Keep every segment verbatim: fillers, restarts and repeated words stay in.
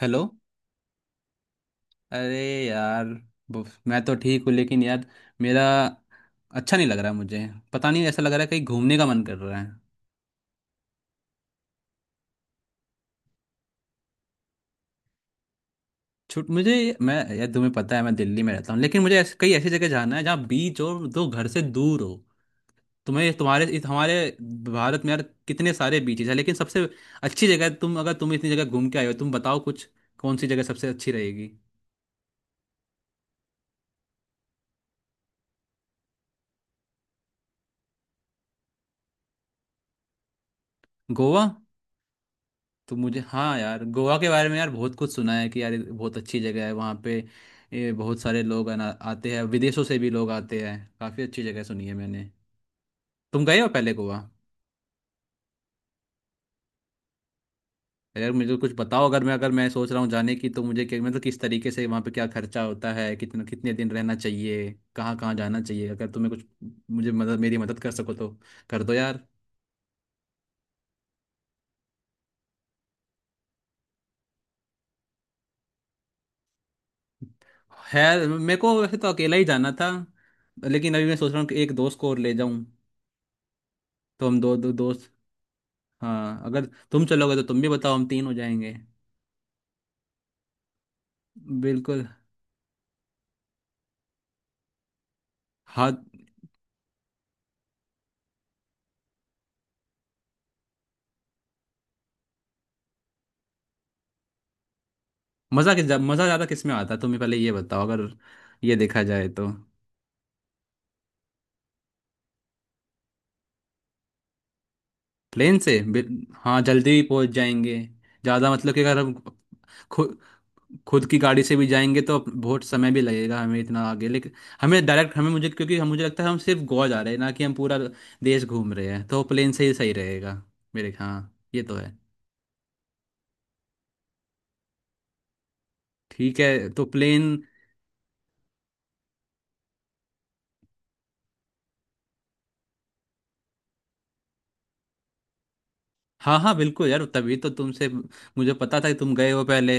Hello. अरे यार। बुफ, मैं तो ठीक हूँ लेकिन यार, मेरा अच्छा नहीं लग रहा। मुझे पता नहीं, ऐसा लग रहा है कहीं घूमने का मन कर रहा है। छुट मुझे। मैं यार, तुम्हें पता है मैं दिल्ली में रहता हूँ, लेकिन मुझे ऐसे, कई ऐसी जगह जाना है जहाँ बीच हो, जो घर से दूर हो। तुम्हें तुम्हारे इस हमारे भारत में यार कितने सारे बीचेस हैं, लेकिन सबसे अच्छी जगह, तुम अगर तुम इतनी जगह घूम के आए हो, तुम बताओ कुछ। कौन सी जगह सबसे अच्छी रहेगी? गोवा। तो मुझे, हाँ यार, गोवा के बारे में यार बहुत कुछ सुना है कि यार ये बहुत अच्छी जगह है। वहाँ पे ये बहुत सारे लोग आना आते हैं, विदेशों से भी लोग आते हैं, काफ़ी अच्छी जगह सुनी है मैंने। तुम गए हो पहले गोवा? यार मुझे कुछ बताओ, अगर मैं अगर मैं सोच रहा हूँ जाने की, तो मुझे क्या मतलब किस तरीके से वहाँ पे क्या खर्चा होता है, कितना, कितने दिन रहना चाहिए, कहाँ कहाँ जाना चाहिए? अगर तुम्हें कुछ मुझे मदद मेरी मदद कर सको तो कर दो यार। है, मेरे को वैसे तो अकेला ही जाना था, लेकिन अभी मैं सोच रहा हूँ कि एक दोस्त को और ले जाऊं। तो हम दो दो दोस्त। हाँ, अगर तुम चलोगे तो तुम भी बताओ, हम तीन हो जाएंगे। बिल्कुल। हाँ। मज़ा किस मज़ा ज़्यादा किस में आता है तुम्हें, पहले ये बताओ, अगर ये देखा जाए तो। प्लेन से बिल- हाँ, जल्दी भी पहुंच जाएंगे ज़्यादा। मतलब कि अगर हम खुद खुद की गाड़ी से भी जाएंगे तो बहुत समय भी लगेगा हमें, इतना आगे। लेकिन हमें डायरेक्ट हमें मुझे, क्योंकि हम मुझे लगता है हम सिर्फ गोवा जा रहे हैं, ना कि हम पूरा देश घूम रहे हैं, तो प्लेन से ही सही रहेगा। मेरे हाँ, ये तो है। ठीक है, तो प्लेन। हाँ हाँ, बिल्कुल यार, तभी तो तुमसे, मुझे पता था कि तुम गए हो पहले।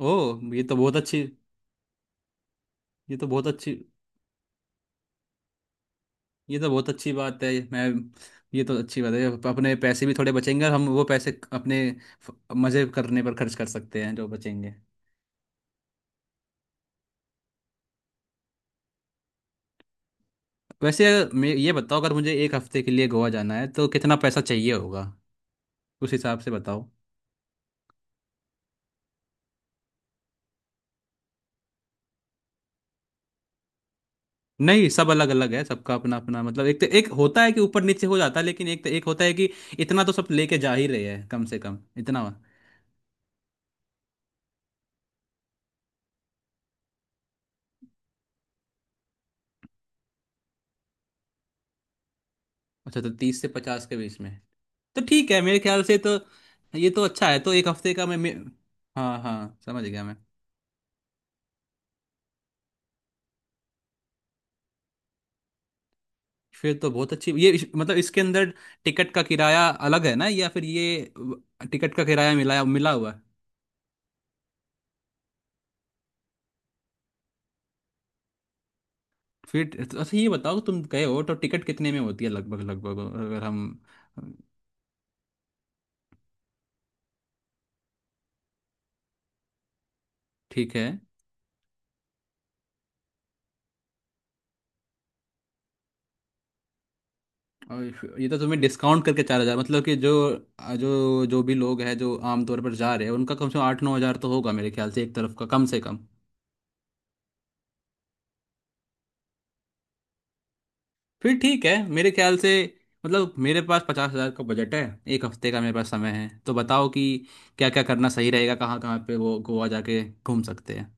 ओ! ये तो बहुत अच्छी ये तो बहुत अच्छी ये तो बहुत अच्छी बात है। मैं ये तो अच्छी बात है। अप- अपने पैसे भी थोड़े बचेंगे, और हम वो पैसे अपने फ- मजे करने पर खर्च कर सकते हैं जो बचेंगे। वैसे मैं ये बताओ, अगर मुझे एक हफ्ते के लिए गोवा जाना है तो कितना पैसा चाहिए होगा, उस हिसाब से बताओ। नहीं, सब अलग अलग है, सबका अपना अपना। मतलब एक तो एक होता है कि ऊपर नीचे हो जाता है, लेकिन एक तो एक होता है कि इतना तो सब लेके जा ही रहे हैं, कम से कम इतना। अच्छा, तो तीस से पचास के बीच में तो ठीक है मेरे ख्याल से। तो ये तो अच्छा है। तो एक हफ्ते का मैं, मैं हाँ हाँ, समझ गया मैं। फिर तो बहुत अच्छी। ये इस- मतलब इसके अंदर टिकट का किराया अलग है ना, या फिर ये अ, टिकट का किराया मिलाया मिला हुआ है? फिर तो अच्छा। ये बताओ, तुम गए हो तो टिकट कितने में होती है लगभग लगभग, अगर हम? ठीक है। और फिर- ये तो तुम्हें डिस्काउंट करके चार हज़ार? मतलब कि जो जो जो भी लोग हैं, जो आमतौर पर जा रहे हैं, उनका कम से कम आठ नौ हज़ार तो होगा मेरे ख्याल से एक तरफ का, कम से कम। फिर ठीक है मेरे ख्याल से। मतलब मेरे पास पचास हजार का बजट है, एक हफ्ते का मेरे पास समय है, तो बताओ कि क्या क्या करना सही रहेगा, कहाँ कहाँ पे वो गोवा जाके घूम सकते हैं।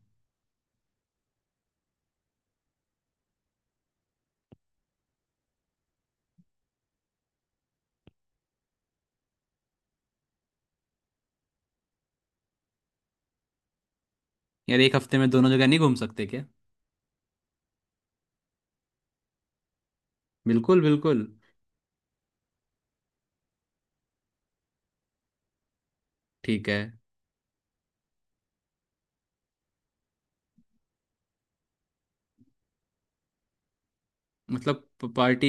यार, एक हफ्ते में दोनों जगह नहीं घूम सकते क्या? बिल्कुल बिल्कुल। ठीक है। मतलब प- पार्टी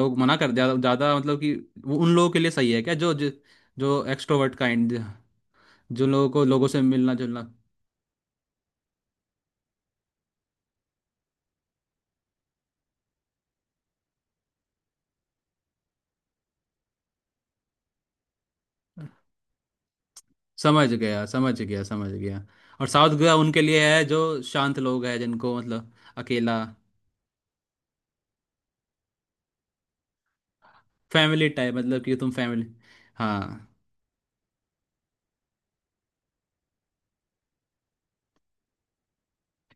लोग, मना कर, ज़्यादा ज़्यादा मतलब कि, वो उन लोगों के लिए सही है क्या, जो जो, जो, एक्सट्रोवर्ट काइंड, जो लोगों को लोगों से मिलना जुलना। समझ गया समझ गया समझ गया। और साउथ गोवा उनके लिए है जो शांत लोग हैं, जिनको मतलब अकेला, फैमिली टाइप, मतलब कि तुम फैमिली। हाँ,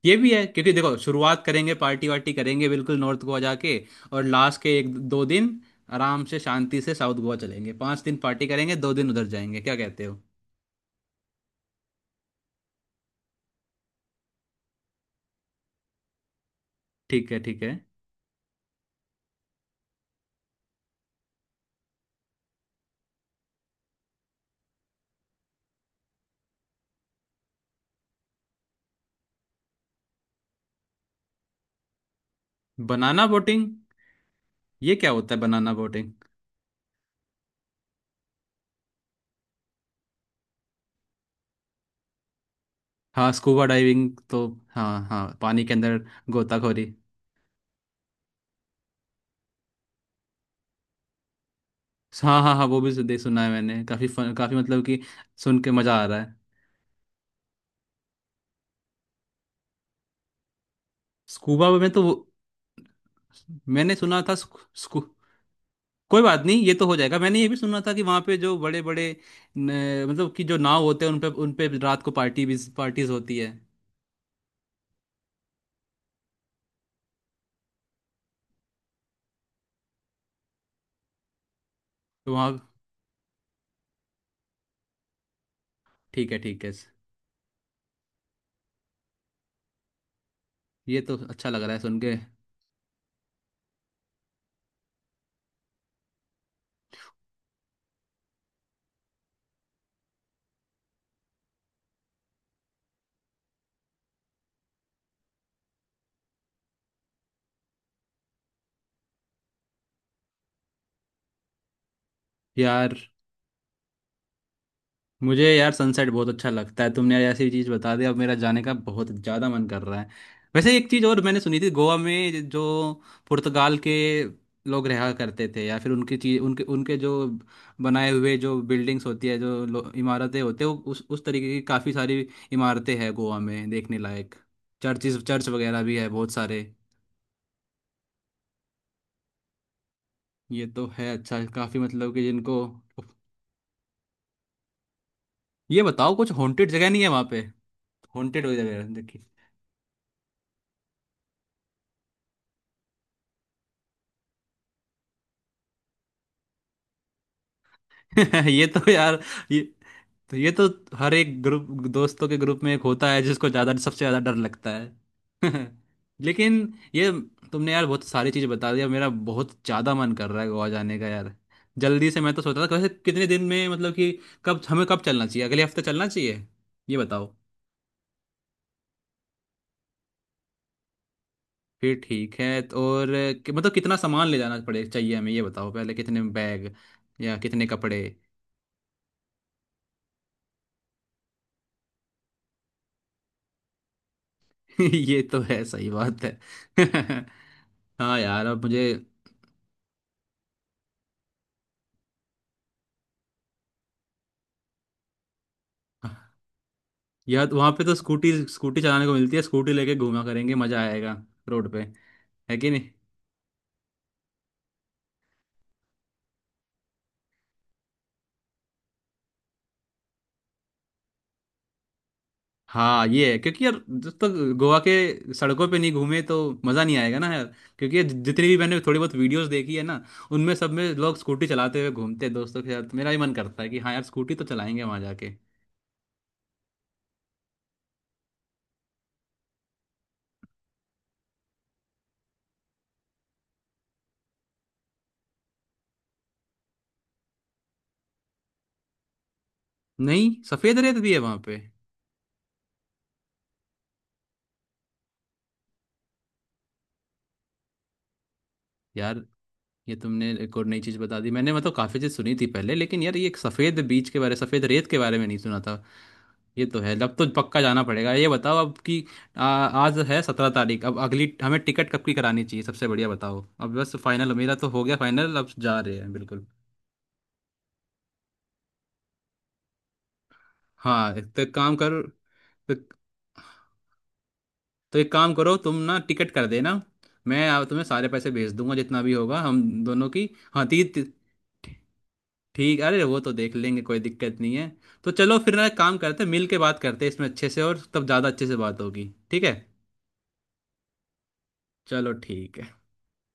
ये भी है, क्योंकि देखो, शुरुआत करेंगे पार्टी वार्टी करेंगे बिल्कुल नॉर्थ गोवा जाके, और लास्ट के एक दो दिन आराम से शांति से साउथ गोवा चलेंगे। पांच दिन पार्टी करेंगे, दो दिन उधर जाएंगे, क्या कहते हो? ठीक है। ठीक है। Banana boating? ये क्या होता है बनाना बोटिंग? हाँ, स्कूबा डाइविंग तो, हाँ हाँ, पानी के अंदर। गोताखोरी। हाँ हाँ हाँ, वो भी देख सुना है मैंने, काफी फन, काफी मतलब कि, सुन के मजा आ रहा है। स्कूबा में तो वो- मैंने सुना था स्कू, स्कू, कोई बात नहीं, ये तो हो जाएगा। मैंने ये भी सुना था कि वहाँ पे जो बड़े बड़े न- मतलब कि जो नाव होते हैं, उन पे उन पे रात को पार्टी भी पार्टीज होती है। तो वहाँ ठीक है। ठीक है। ये तो अच्छा लग रहा है सुन के यार। मुझे यार सनसेट बहुत अच्छा लगता है, तुमने यार ऐसी चीज़ बता दी, अब मेरा जाने का बहुत ज़्यादा मन कर रहा है। वैसे एक चीज़ और मैंने सुनी थी, गोवा में जो पुर्तगाल के लोग रहा करते थे, या फिर उनकी चीज, उनके उनके जो बनाए हुए जो बिल्डिंग्स होती है, जो लो- इमारतें होते हैं, वो उस उस तरीके की काफ़ी सारी इमारतें हैं गोवा में देखने लायक, चर्चिस चर्च वगैरह भी है बहुत सारे। ये तो है अच्छा, काफ़ी मतलब कि जिनको। ये बताओ, कुछ हॉन्टेड जगह नहीं है वहाँ पे? हॉन्टेड हो जगह, देखिए। ये तो यार! ये तो ये तो हर एक ग्रुप, दोस्तों के ग्रुप में एक होता है जिसको ज्यादा सबसे ज्यादा डर लगता है। लेकिन ये, तुमने यार बहुत सारी चीज़ बता दी, अब मेरा बहुत ज्यादा मन कर रहा है गोवा जाने का यार, जल्दी से। मैं तो सोच रहा था, वैसे कितने दिन में मतलब कि कब हमें, कब चलना चाहिए? अगले हफ्ते चलना चाहिए, ये बताओ। फिर ठीक है। तो और कि- मतलब कितना सामान ले जाना पड़े चाहिए हमें, ये बताओ पहले, कितने बैग या कितने कपड़े? ये तो है, सही बात है। हाँ यार, अब मुझे, यार वहां पे तो स्कूटी स्कूटी चलाने को मिलती है, स्कूटी लेके घूमा करेंगे, मजा आएगा रोड पे, है कि नहीं? हाँ ये है, क्योंकि यार जब तक गोवा के सड़कों पे नहीं घूमे तो मजा नहीं आएगा ना यार, क्योंकि ये जितनी भी मैंने थोड़ी बहुत वीडियोस देखी है ना, उनमें सब में लोग स्कूटी चलाते हुए घूमते हैं दोस्तों के साथ, मेरा भी मन करता है कि हाँ यार, स्कूटी तो चलाएंगे वहां जाके। नहीं, सफेद रेत भी है वहां पे? यार, ये तुमने एक और नई चीज बता दी, मैंने मतलब काफी चीज सुनी थी पहले, लेकिन यार ये एक सफेद बीज के बारे, सफेद रेत के बारे में नहीं सुना था। ये तो है, अब तो पक्का जाना पड़ेगा। ये बताओ अब कि, आ, आज है सत्रह तारीख, अब अगली हमें टिकट कब की करानी चाहिए, सबसे बढ़िया बताओ, अब बस फाइनल, मेरा तो हो गया फाइनल, अब जा रहे हैं बिल्कुल। हाँ, एक तो एक काम करो। तो, तो एक काम करो तुम ना, टिकट कर देना, मैं आ- तुम्हें सारे पैसे भेज दूंगा जितना भी होगा, हम दोनों की, हाँ तीन। ठीक, अरे, वो तो देख लेंगे, कोई दिक्कत नहीं है। तो चलो, फिर ना एक काम करते हैं, मिल के बात करते हैं इसमें अच्छे से, और तब ज़्यादा अच्छे से बात होगी, ठीक है। चलो ठीक है।